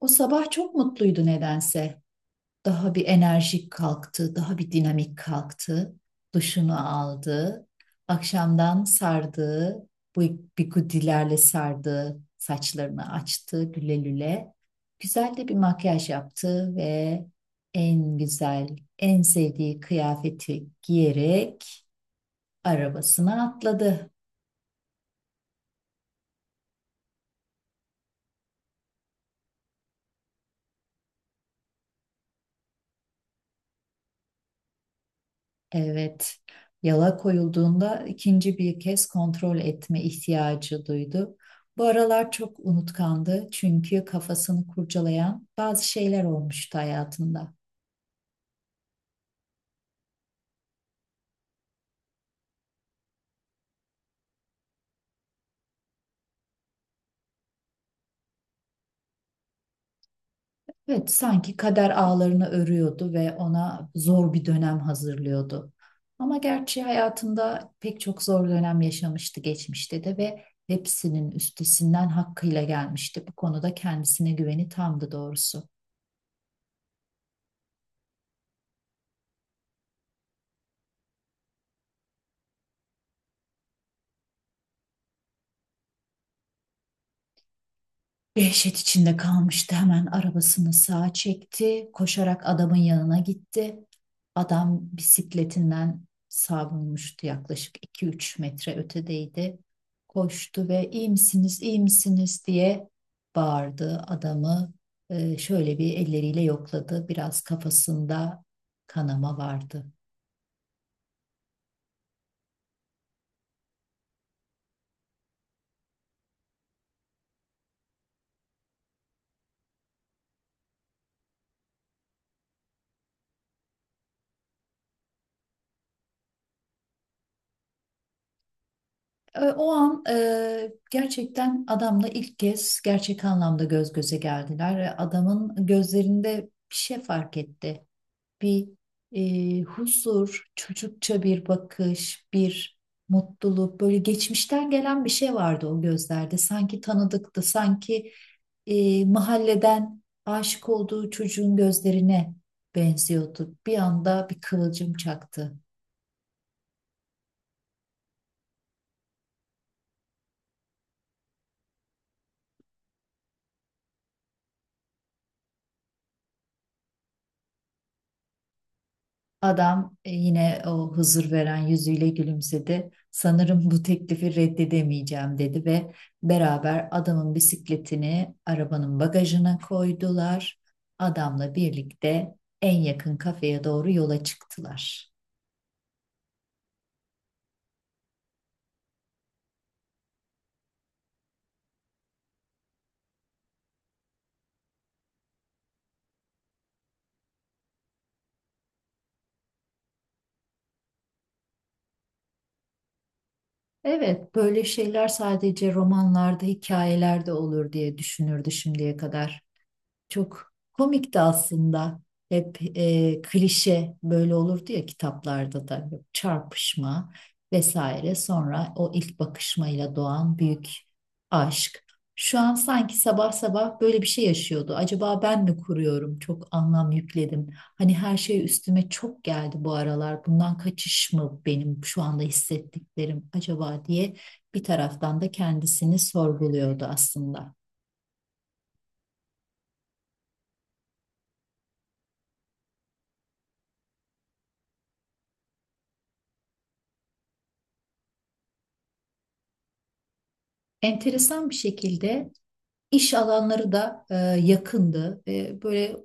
O sabah çok mutluydu nedense. Daha bir enerjik kalktı, daha bir dinamik kalktı. Duşunu aldı. Akşamdan sardığı, bu bigudilerle sardığı saçlarını açtı lüle lüle. Güzel de bir makyaj yaptı ve en güzel, en sevdiği kıyafeti giyerek arabasına atladı. Evet, yala koyulduğunda ikinci bir kez kontrol etme ihtiyacı duydu. Bu aralar çok unutkandı çünkü kafasını kurcalayan bazı şeyler olmuştu hayatında. Evet, sanki kader ağlarını örüyordu ve ona zor bir dönem hazırlıyordu. Ama gerçi hayatında pek çok zor dönem yaşamıştı geçmişte de ve hepsinin üstesinden hakkıyla gelmişti. Bu konuda kendisine güveni tamdı doğrusu. Dehşet içinde kalmıştı. Hemen arabasını sağa çekti. Koşarak adamın yanına gitti. Adam bisikletinden savrulmuştu. Yaklaşık 2-3 metre ötedeydi. Koştu ve iyi misiniz, iyi misiniz diye bağırdı. Adamı şöyle bir elleriyle yokladı. Biraz kafasında kanama vardı. O an gerçekten adamla ilk kez gerçek anlamda göz göze geldiler. Ve adamın gözlerinde bir şey fark etti. Bir huzur, çocukça bir bakış, bir mutluluk, böyle geçmişten gelen bir şey vardı o gözlerde. Sanki tanıdıktı, sanki mahalleden aşık olduğu çocuğun gözlerine benziyordu. Bir anda bir kıvılcım çaktı. Adam yine o huzur veren yüzüyle gülümsedi. Sanırım bu teklifi reddedemeyeceğim dedi ve beraber adamın bisikletini arabanın bagajına koydular. Adamla birlikte en yakın kafeye doğru yola çıktılar. Evet, böyle şeyler sadece romanlarda, hikayelerde olur diye düşünürdü şimdiye kadar. Çok komikti aslında. Hep klişe böyle olurdu ya kitaplarda da çarpışma vesaire. Sonra o ilk bakışmayla doğan büyük aşk. Şu an sanki sabah sabah böyle bir şey yaşıyordu. Acaba ben mi kuruyorum? Çok anlam yükledim. Hani her şey üstüme çok geldi bu aralar. Bundan kaçış mı benim şu anda hissettiklerim acaba diye bir taraftan da kendisini sorguluyordu aslında. Enteresan bir şekilde. İş alanları da yakındı ve böyle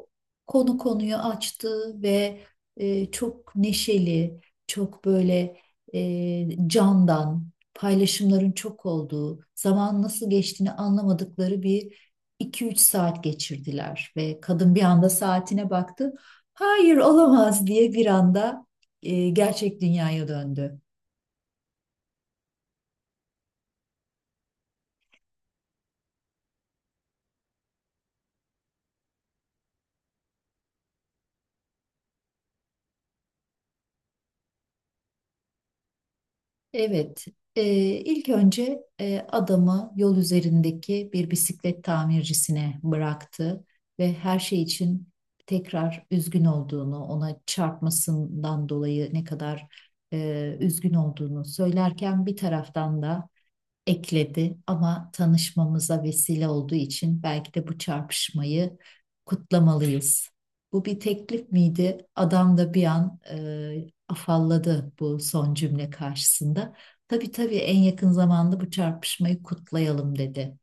konu konuyu açtı ve çok neşeli, çok böyle candan, paylaşımların çok olduğu, zaman nasıl geçtiğini anlamadıkları bir 2-3 saat geçirdiler ve kadın bir anda saatine baktı. Hayır olamaz diye bir anda gerçek dünyaya döndü. Evet, e, ilk önce adamı yol üzerindeki bir bisiklet tamircisine bıraktı ve her şey için tekrar üzgün olduğunu, ona çarpmasından dolayı ne kadar üzgün olduğunu söylerken bir taraftan da ekledi ama tanışmamıza vesile olduğu için belki de bu çarpışmayı kutlamalıyız. Bu bir teklif miydi? Adam da bir an afalladı bu son cümle karşısında. Tabii tabii en yakın zamanda bu çarpışmayı kutlayalım dedi.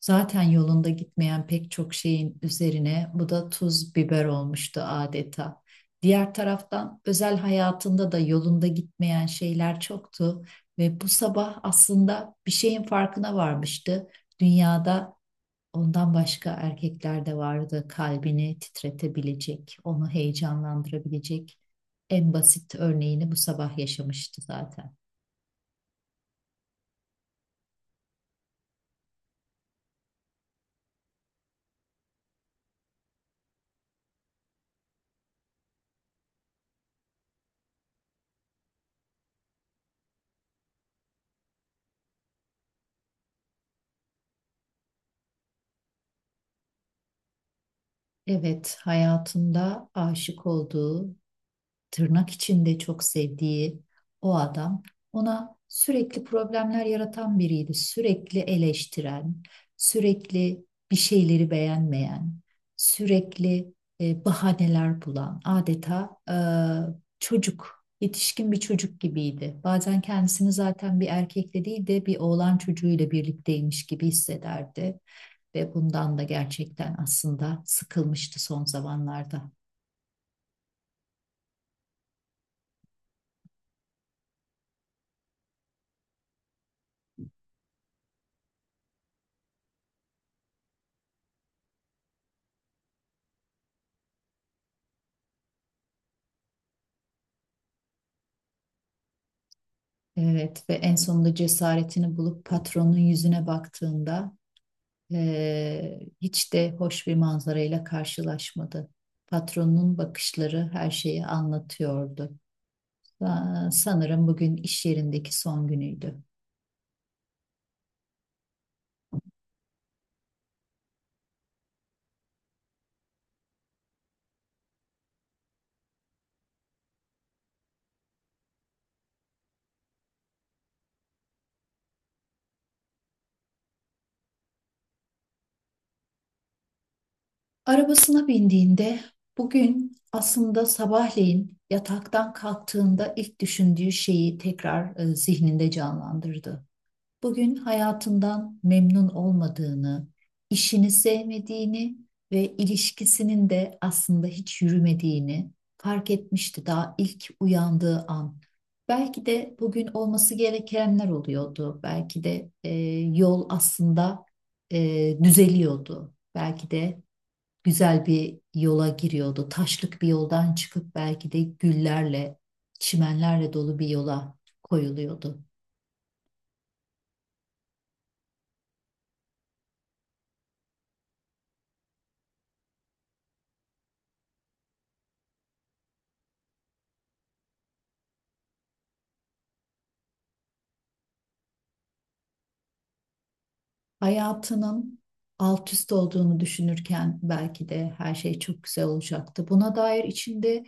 Zaten yolunda gitmeyen pek çok şeyin üzerine bu da tuz biber olmuştu adeta. Diğer taraftan özel hayatında da yolunda gitmeyen şeyler çoktu ve bu sabah aslında bir şeyin farkına varmıştı. Dünyada ondan başka erkekler de vardı kalbini titretebilecek, onu heyecanlandırabilecek. En basit örneğini bu sabah yaşamıştı zaten. Evet, hayatında aşık olduğu tırnak içinde çok sevdiği o adam ona sürekli problemler yaratan biriydi. Sürekli eleştiren, sürekli bir şeyleri beğenmeyen, sürekli bahaneler bulan, adeta çocuk, yetişkin bir çocuk gibiydi. Bazen kendisini zaten bir erkekle değil de bir oğlan çocuğuyla birlikteymiş gibi hissederdi ve bundan da gerçekten aslında sıkılmıştı son zamanlarda. Evet ve en sonunda cesaretini bulup patronun yüzüne baktığında hiç de hoş bir manzarayla karşılaşmadı. Patronun bakışları her şeyi anlatıyordu. Sanırım bugün iş yerindeki son günüydü. Arabasına bindiğinde bugün aslında sabahleyin yataktan kalktığında ilk düşündüğü şeyi tekrar zihninde canlandırdı. Bugün hayatından memnun olmadığını, işini sevmediğini ve ilişkisinin de aslında hiç yürümediğini fark etmişti daha ilk uyandığı an. Belki de bugün olması gerekenler oluyordu. Belki de yol aslında düzeliyordu. Belki de güzel bir yola giriyordu. Taşlık bir yoldan çıkıp belki de güllerle, çimenlerle dolu bir yola koyuluyordu. Hayatının alt üst olduğunu düşünürken belki de her şey çok güzel olacaktı. Buna dair içinde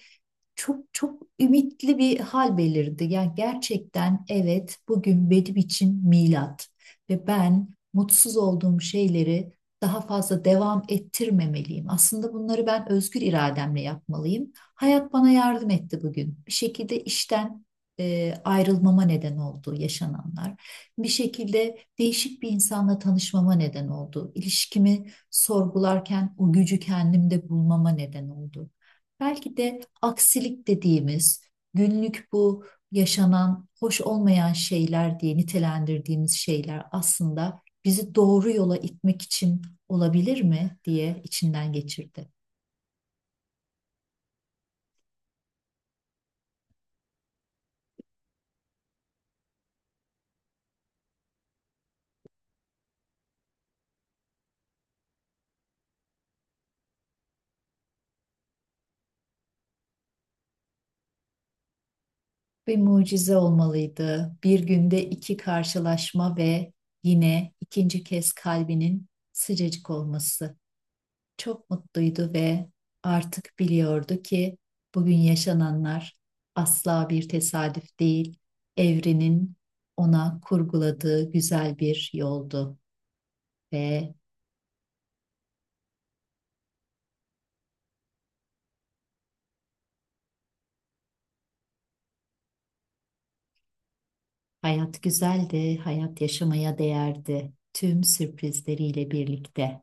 çok çok ümitli bir hal belirdi. Yani gerçekten evet bugün benim için milat ve ben mutsuz olduğum şeyleri daha fazla devam ettirmemeliyim. Aslında bunları ben özgür irademle yapmalıyım. Hayat bana yardım etti bugün. Bir şekilde işten ayrılmama neden oldu yaşananlar. Bir şekilde değişik bir insanla tanışmama neden oldu. İlişkimi sorgularken o gücü kendimde bulmama neden oldu. Belki de aksilik dediğimiz günlük bu yaşanan hoş olmayan şeyler diye nitelendirdiğimiz şeyler aslında bizi doğru yola itmek için olabilir mi diye içinden geçirdi. Bir mucize olmalıydı. Bir günde iki karşılaşma ve yine ikinci kez kalbinin sıcacık olması. Çok mutluydu ve artık biliyordu ki bugün yaşananlar asla bir tesadüf değil, evrenin ona kurguladığı güzel bir yoldu ve hayat güzeldi, hayat yaşamaya değerdi tüm sürprizleriyle birlikte.